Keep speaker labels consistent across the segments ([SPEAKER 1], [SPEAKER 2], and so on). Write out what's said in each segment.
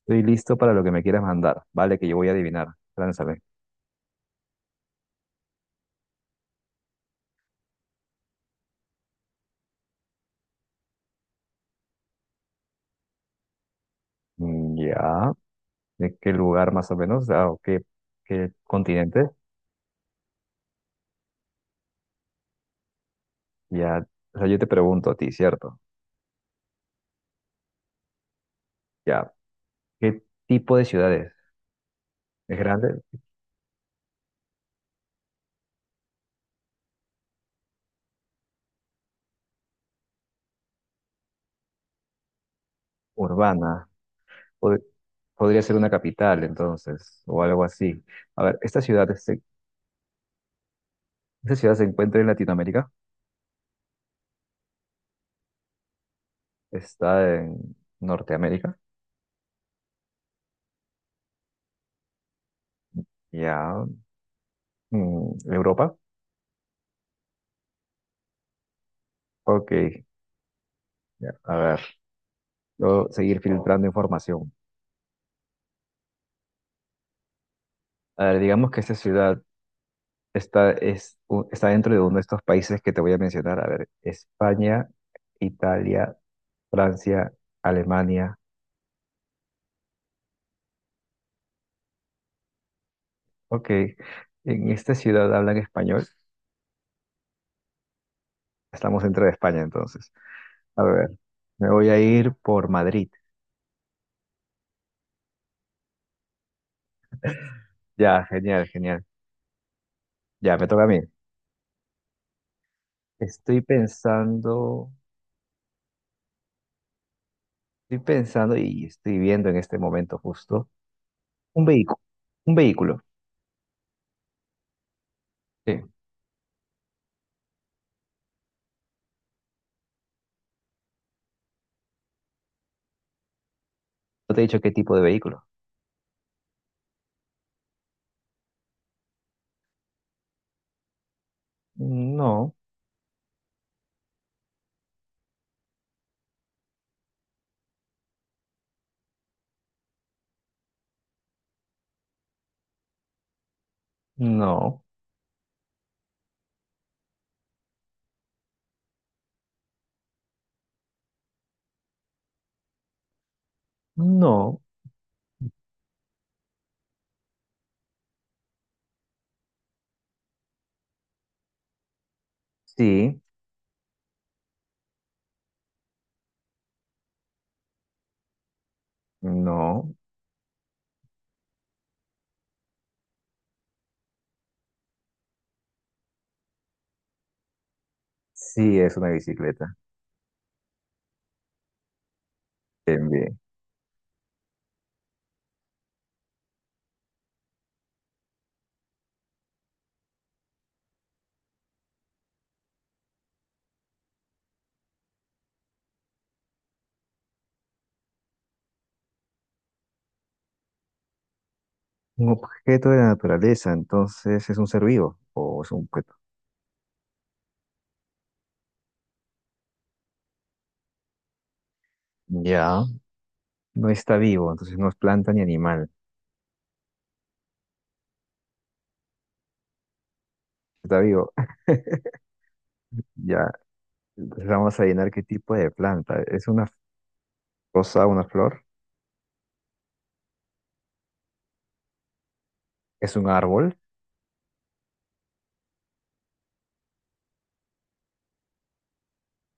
[SPEAKER 1] Estoy listo para lo que me quieras mandar. Vale, que yo voy a adivinar. Lánzame. Ya. ¿De qué lugar más o menos? Ah, ¿ qué continente? Ya. O sea, yo te pregunto a ti, ¿cierto? Ya. ¿Qué tipo de ciudad es? ¿Es grande? ¿Urbana? Pod- ¿Podría ser una capital, entonces, o algo así? A ver, ¿ esta ciudad se encuentra en Latinoamérica? ¿Está en Norteamérica? Ya. ¿Europa? Ok. Ya. A ver, puedo seguir filtrando información. A ver, digamos que esta ciudad está dentro de uno de estos países que te voy a mencionar. A ver, España, Italia, Francia, Alemania. Ok, en esta ciudad hablan español. Estamos dentro de España entonces. A ver, me voy a ir por Madrid. Ya, genial, genial. Ya, me toca a mí. Estoy pensando, estoy pensando y estoy viendo en este momento justo un vehículo. Un vehículo. Sí. ¿No te he dicho qué tipo de vehículo? No, no. No, sí, no, sí es una bicicleta. Bien, bien. Un objeto de la naturaleza, entonces ¿es un ser vivo o es un objeto? Ya. No está vivo, entonces no es planta ni animal. Está vivo. Ya. Entonces vamos a adivinar qué tipo de planta. ¿Es una rosa, una flor? ¿Es un árbol?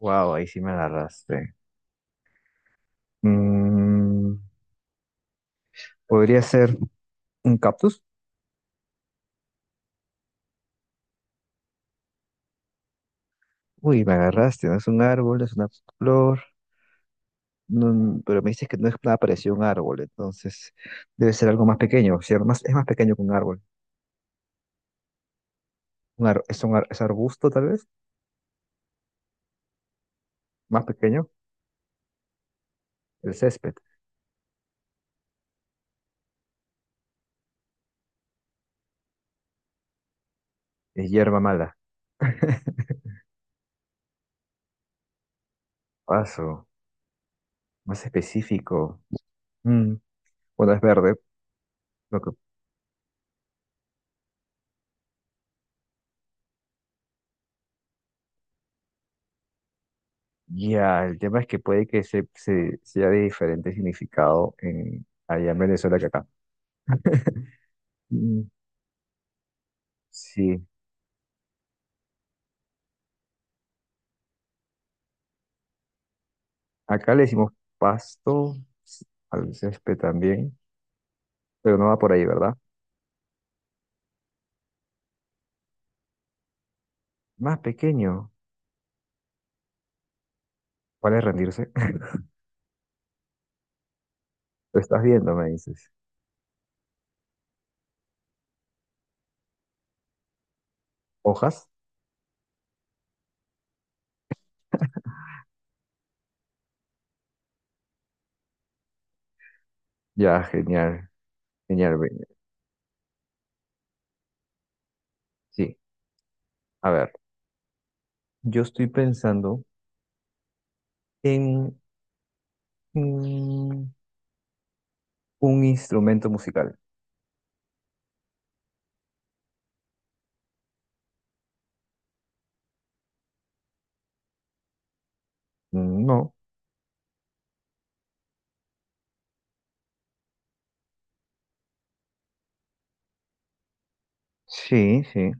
[SPEAKER 1] Wow, ahí sí me agarraste. Mm, ¿Podría ser un cactus? Uy, me agarraste. ¿No es un árbol, es una flor? No, pero me dices que no es nada parecido a un árbol, entonces debe ser algo más pequeño, ¿cierto? Más, es más pequeño que un árbol. Es arbusto, tal vez, más pequeño. ¿El césped es hierba mala? Paso, más específico. Mm, Bueno, es verde. Lo que, ya, el tema es que puede que sea de diferente significado en, allá en Venezuela que acá. Mm, Sí, acá le decimos pasto, al césped también, pero no va por ahí, ¿verdad? Más pequeño. ¿Cuál es? Rendirse. Lo estás viendo, me dices. ¿Hojas? Ya, genial, genial, Bene. Sí, a ver, yo estoy pensando en mm, un instrumento musical. No, sí, sí.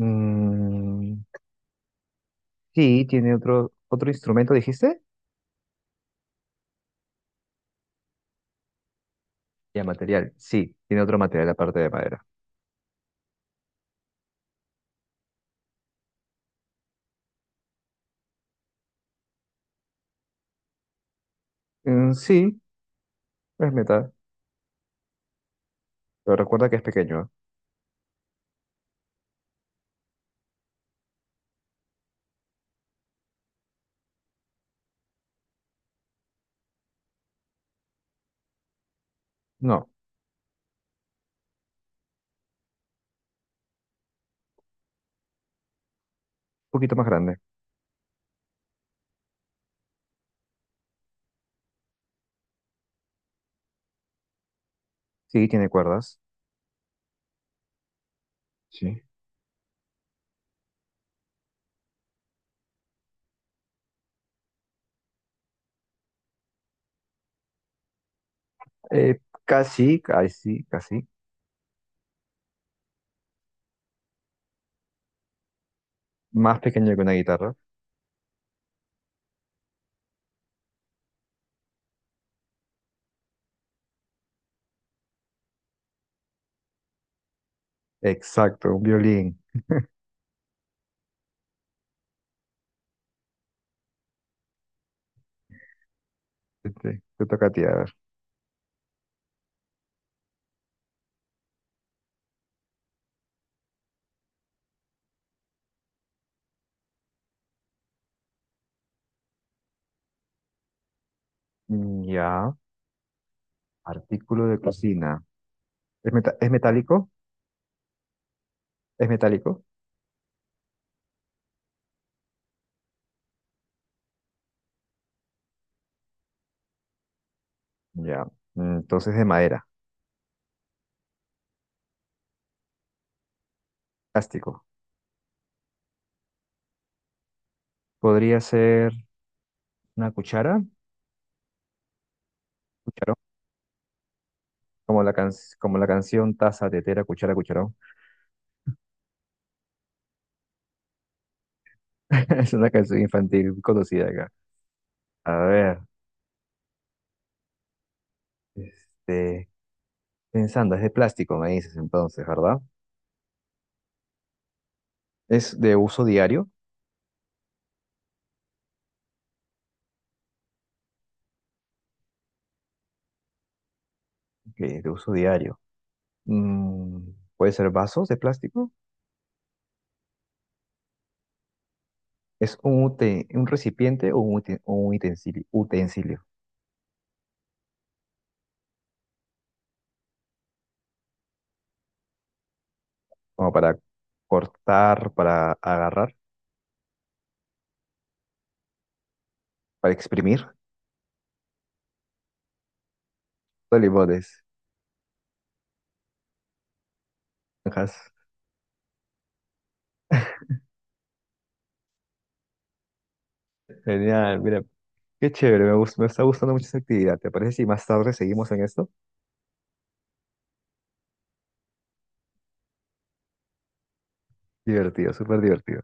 [SPEAKER 1] Mm, sí, tiene otro instrumento, dijiste. Ya, material. Sí, tiene otro material aparte de madera. Sí, es metal, pero recuerda que es pequeño, ¿eh? No, un poquito más grande. Sí, tiene cuerdas. Sí. Eh, casi, casi, casi. Más pequeño que una guitarra. Exacto, un violín. Este, te toca a ti, a ver. Ya. Artículo de cocina. ¿Es metálico? ¿Es metálico? Ya. Entonces de madera. Plástico. ¿Podría ser una cuchara? ¿Cucharón? Como la, can- Como la canción: taza, tetera, cuchara, cucharón. Es una canción infantil conocida acá. A ver. Este, pensando, es de plástico, me dices entonces, ¿verdad? ¿Es de uso diario? Ok, de uso diario. Mm, ¿Puede ser vasos de plástico? Es un, un recipiente o un, un utensilio, utensilio, como para cortar, para agarrar, para exprimir los limones. Naranjas. Genial, mira, qué chévere, me está gustando mucho esa actividad. ¿Te parece si más tarde seguimos en esto? Divertido, súper divertido.